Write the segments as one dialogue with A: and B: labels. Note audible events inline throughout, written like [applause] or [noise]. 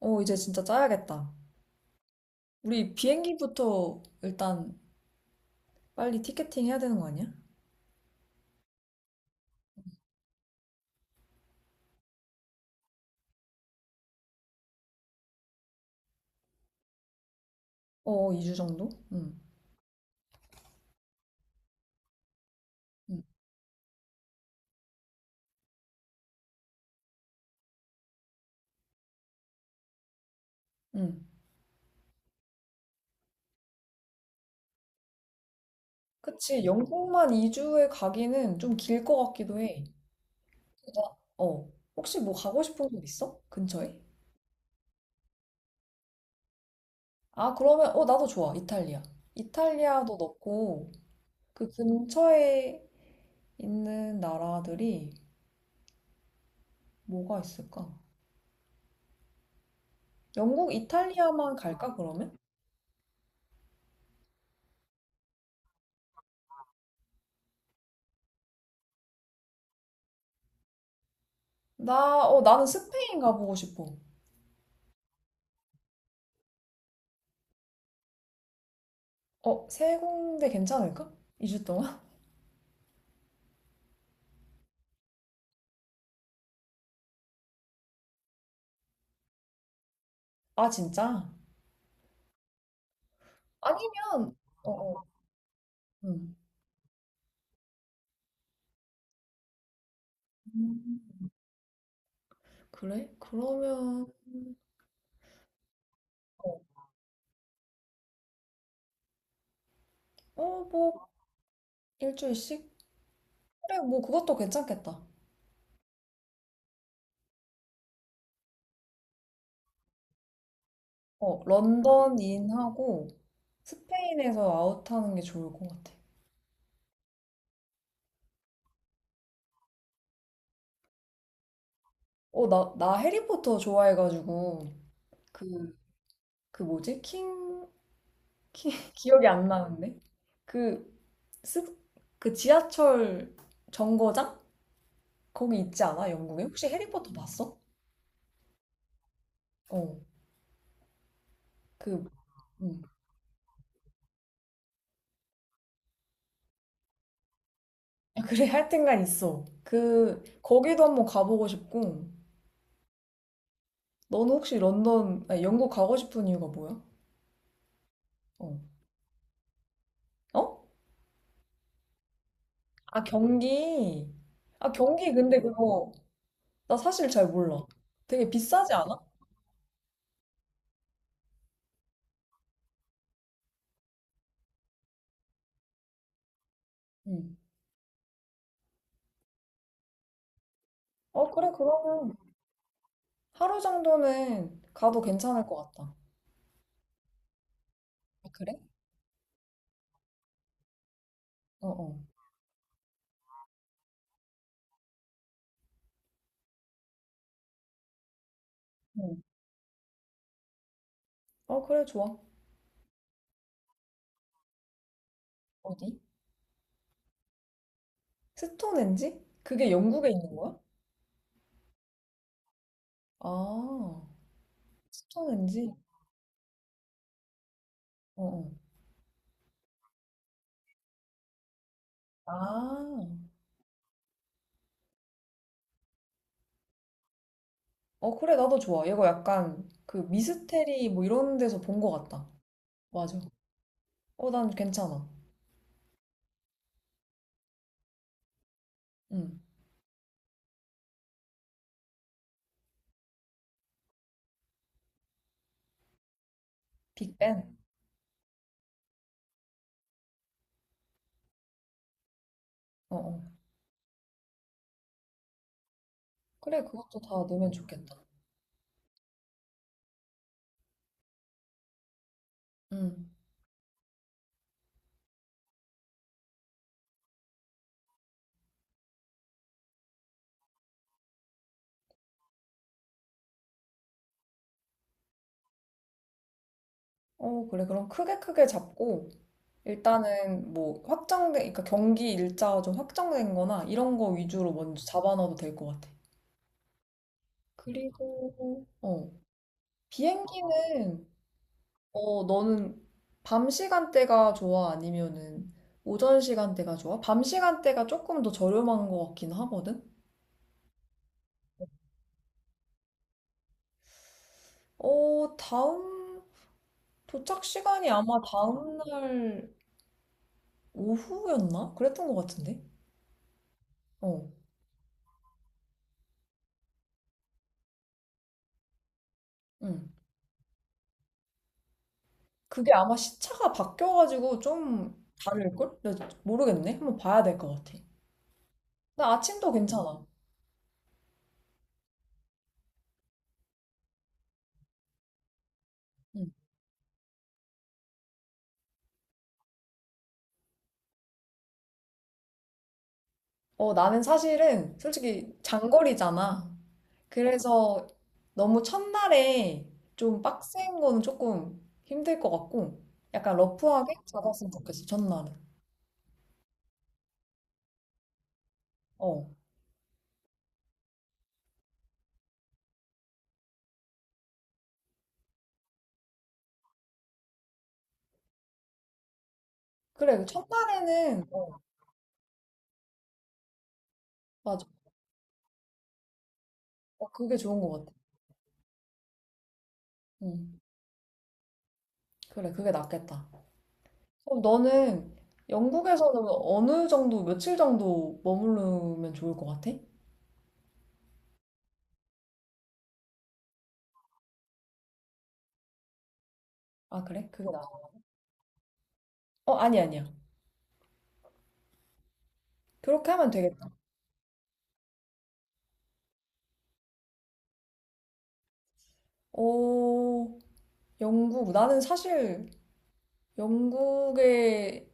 A: 이제 진짜 짜야겠다. 우리 비행기부터 일단 빨리 티켓팅 해야 되는 거 아니야? 어, 2주 정도? 응, 응, 응. 그치, 영국만 2주에 가기는 좀 길 것 같기도 해. 나, 어, 혹시 뭐 가고 싶은 곳 있어? 근처에? 아, 그러면, 나도 좋아. 이탈리아. 이탈리아도 넣고, 그 근처에 있는 나라들이 뭐가 있을까? 영국, 이탈리아만 갈까, 그러면? 나는 스페인 가보고 싶어. 어, 세 군데 괜찮을까? 2주 동안? [laughs] 아, 진짜? 아니면, 어, 어, 음. 음, 그래? 그러면, 어, 뭐, 일주일씩? 그래, 뭐, 그것도 괜찮겠다. 어, 런던 인하고 스페인에서 아웃하는 게 좋을 것 같아. 나 해리포터 좋아해가지고, 그, 그 뭐지? [laughs] 기억이 안 나는데? 그, 스, 그 지하철 정거장? 거기 있지 않아? 영국에? 혹시 해리포터 봤어? 어, 그, 음. 아, 그래, 하여튼간 있어. 그, 거기도 한번 가보고 싶고, 너는 혹시 런던, 아니, 영국 가고 싶은 이유가 뭐야? 어. 어? 아, 경기. 아, 경기 근데 그거, 나 사실 잘 몰라. 되게 비싸지 않아? 응. 어, 그래, 그러면 하루 정도는 가도 괜찮을 것 같다. 아, 그래? 어, 어. 응. 어, 그래, 좋아. 어디? 스톤헨지? 그게 영국에 있는 거야? 아, 스톤헨지? 어, 어. 아, 그래, 나도 좋아. 이거 약간 그 미스테리 뭐 이런 데서 본 것 같다. 맞아. 어, 난 괜찮아. 응. 빅뱅? 어, 어. 그래, 그것도 다 넣으면 좋겠다. 응. 어, 그래. 그럼 크게 크게 잡고, 일단은 뭐 확정된, 그러니까 경기 일자가 좀 확정된 거나 이런 거 위주로 먼저 잡아넣어도 될 것 같아. 그리고, 어. 비행기는 너는 밤 시간대가 좋아? 아니면은 오전 시간대가 좋아? 밤 시간대가 조금 더 저렴한 것 같긴 하거든? 어, 다음, 도착 시간이 아마 다음날 오후였나? 그랬던 것 같은데? 어, 응. 그게 아마 시차가 바뀌어가지고 좀 다를걸? 나 모르겠네. 한번 봐야 될 것 같아. 나 아침도 괜찮아. 응. 어, 나는 사실은 솔직히 장거리잖아. 그래서 너무 첫날에 좀 빡센 거는 조금 힘들 것 같고, 약간 러프하게 잡았으면 좋겠어, 첫날은. 어. 그래, 그 첫날에는, 어, 맞아. 어, 그게 좋은 것 같아. 응. 그래, 그게 낫겠다. 그럼 너는 영국에서는 어느 정도, 며칠 정도 머무르면 좋을 것 같아? 아, 그래? 그게 나. 어, 아니, 아니야. 그렇게 하면 되겠다. 오, 영국. 나는 사실 영국에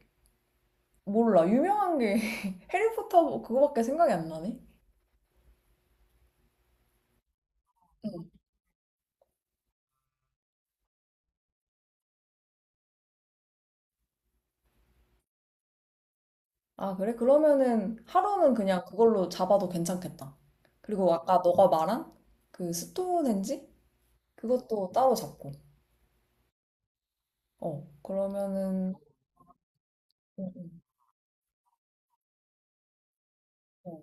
A: 몰라. 유명한 게 [laughs] 해리포터 그거밖에 생각이 안 나네. 응. 아, 그래? 그러면은 하루는 그냥 그걸로 잡아도 괜찮겠다. 그리고 아까 너가 말한 그 스톤헨지? 그것도 따로 잡고. 어, 그러면은 응, 응, 어.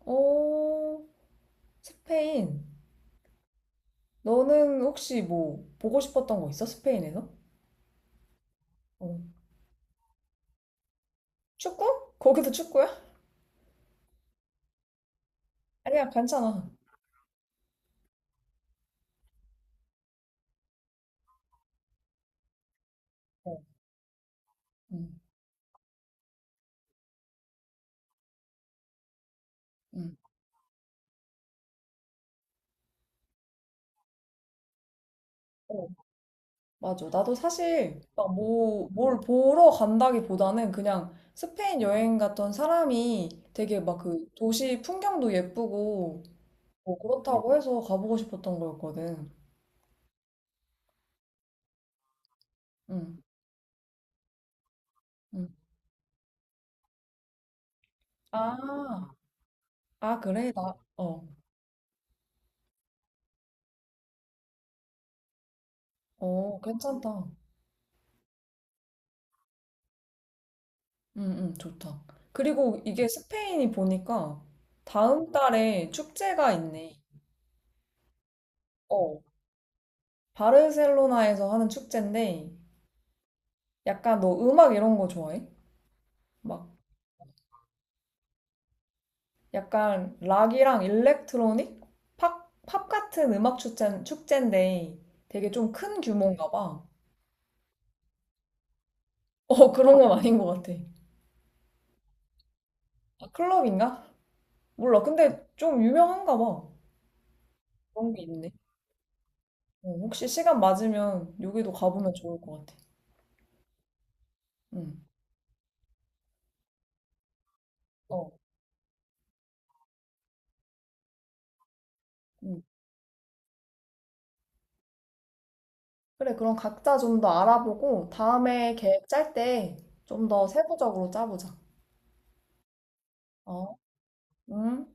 A: 어, 스페인. 너는 혹시 뭐 보고 싶었던 거 있어? 스페인에서? 어. 축구? 거기도 축구야? 아니야, 괜찮아. 어, 응, 응. 어. 맞아. 나도 사실 막 뭐, 뭘 보러 간다기보다는 그냥 스페인 여행 갔던 사람이 되게 막 그 도시 풍경도 예쁘고 뭐 그렇다고 해서 가보고 싶었던 거였거든. 응, 응. 아, 그래? 어, 괜찮다. 응, 응, 좋다. 그리고 이게 스페인이 보니까 다음 달에 축제가 있네. 어, 바르셀로나에서 하는 축제인데 약간 너 음악 이런 거 좋아해? 막 약간 락이랑 일렉트로닉? 팝 같은 축제인데 되게 좀 큰 규모인가 봐. 어, 그런 건 아닌 것 같아. 아, 클럽인가? 몰라. 근데 좀 유명한가 봐. 그런 게 있네. 어, 혹시 시간 맞으면 여기도 가보면 좋을 것 같아. 응. 어. 응. 그래, 그럼 각자 좀 더 알아보고 다음에 계획 짤 때 좀 더 세부적으로 짜보자. 어? 응?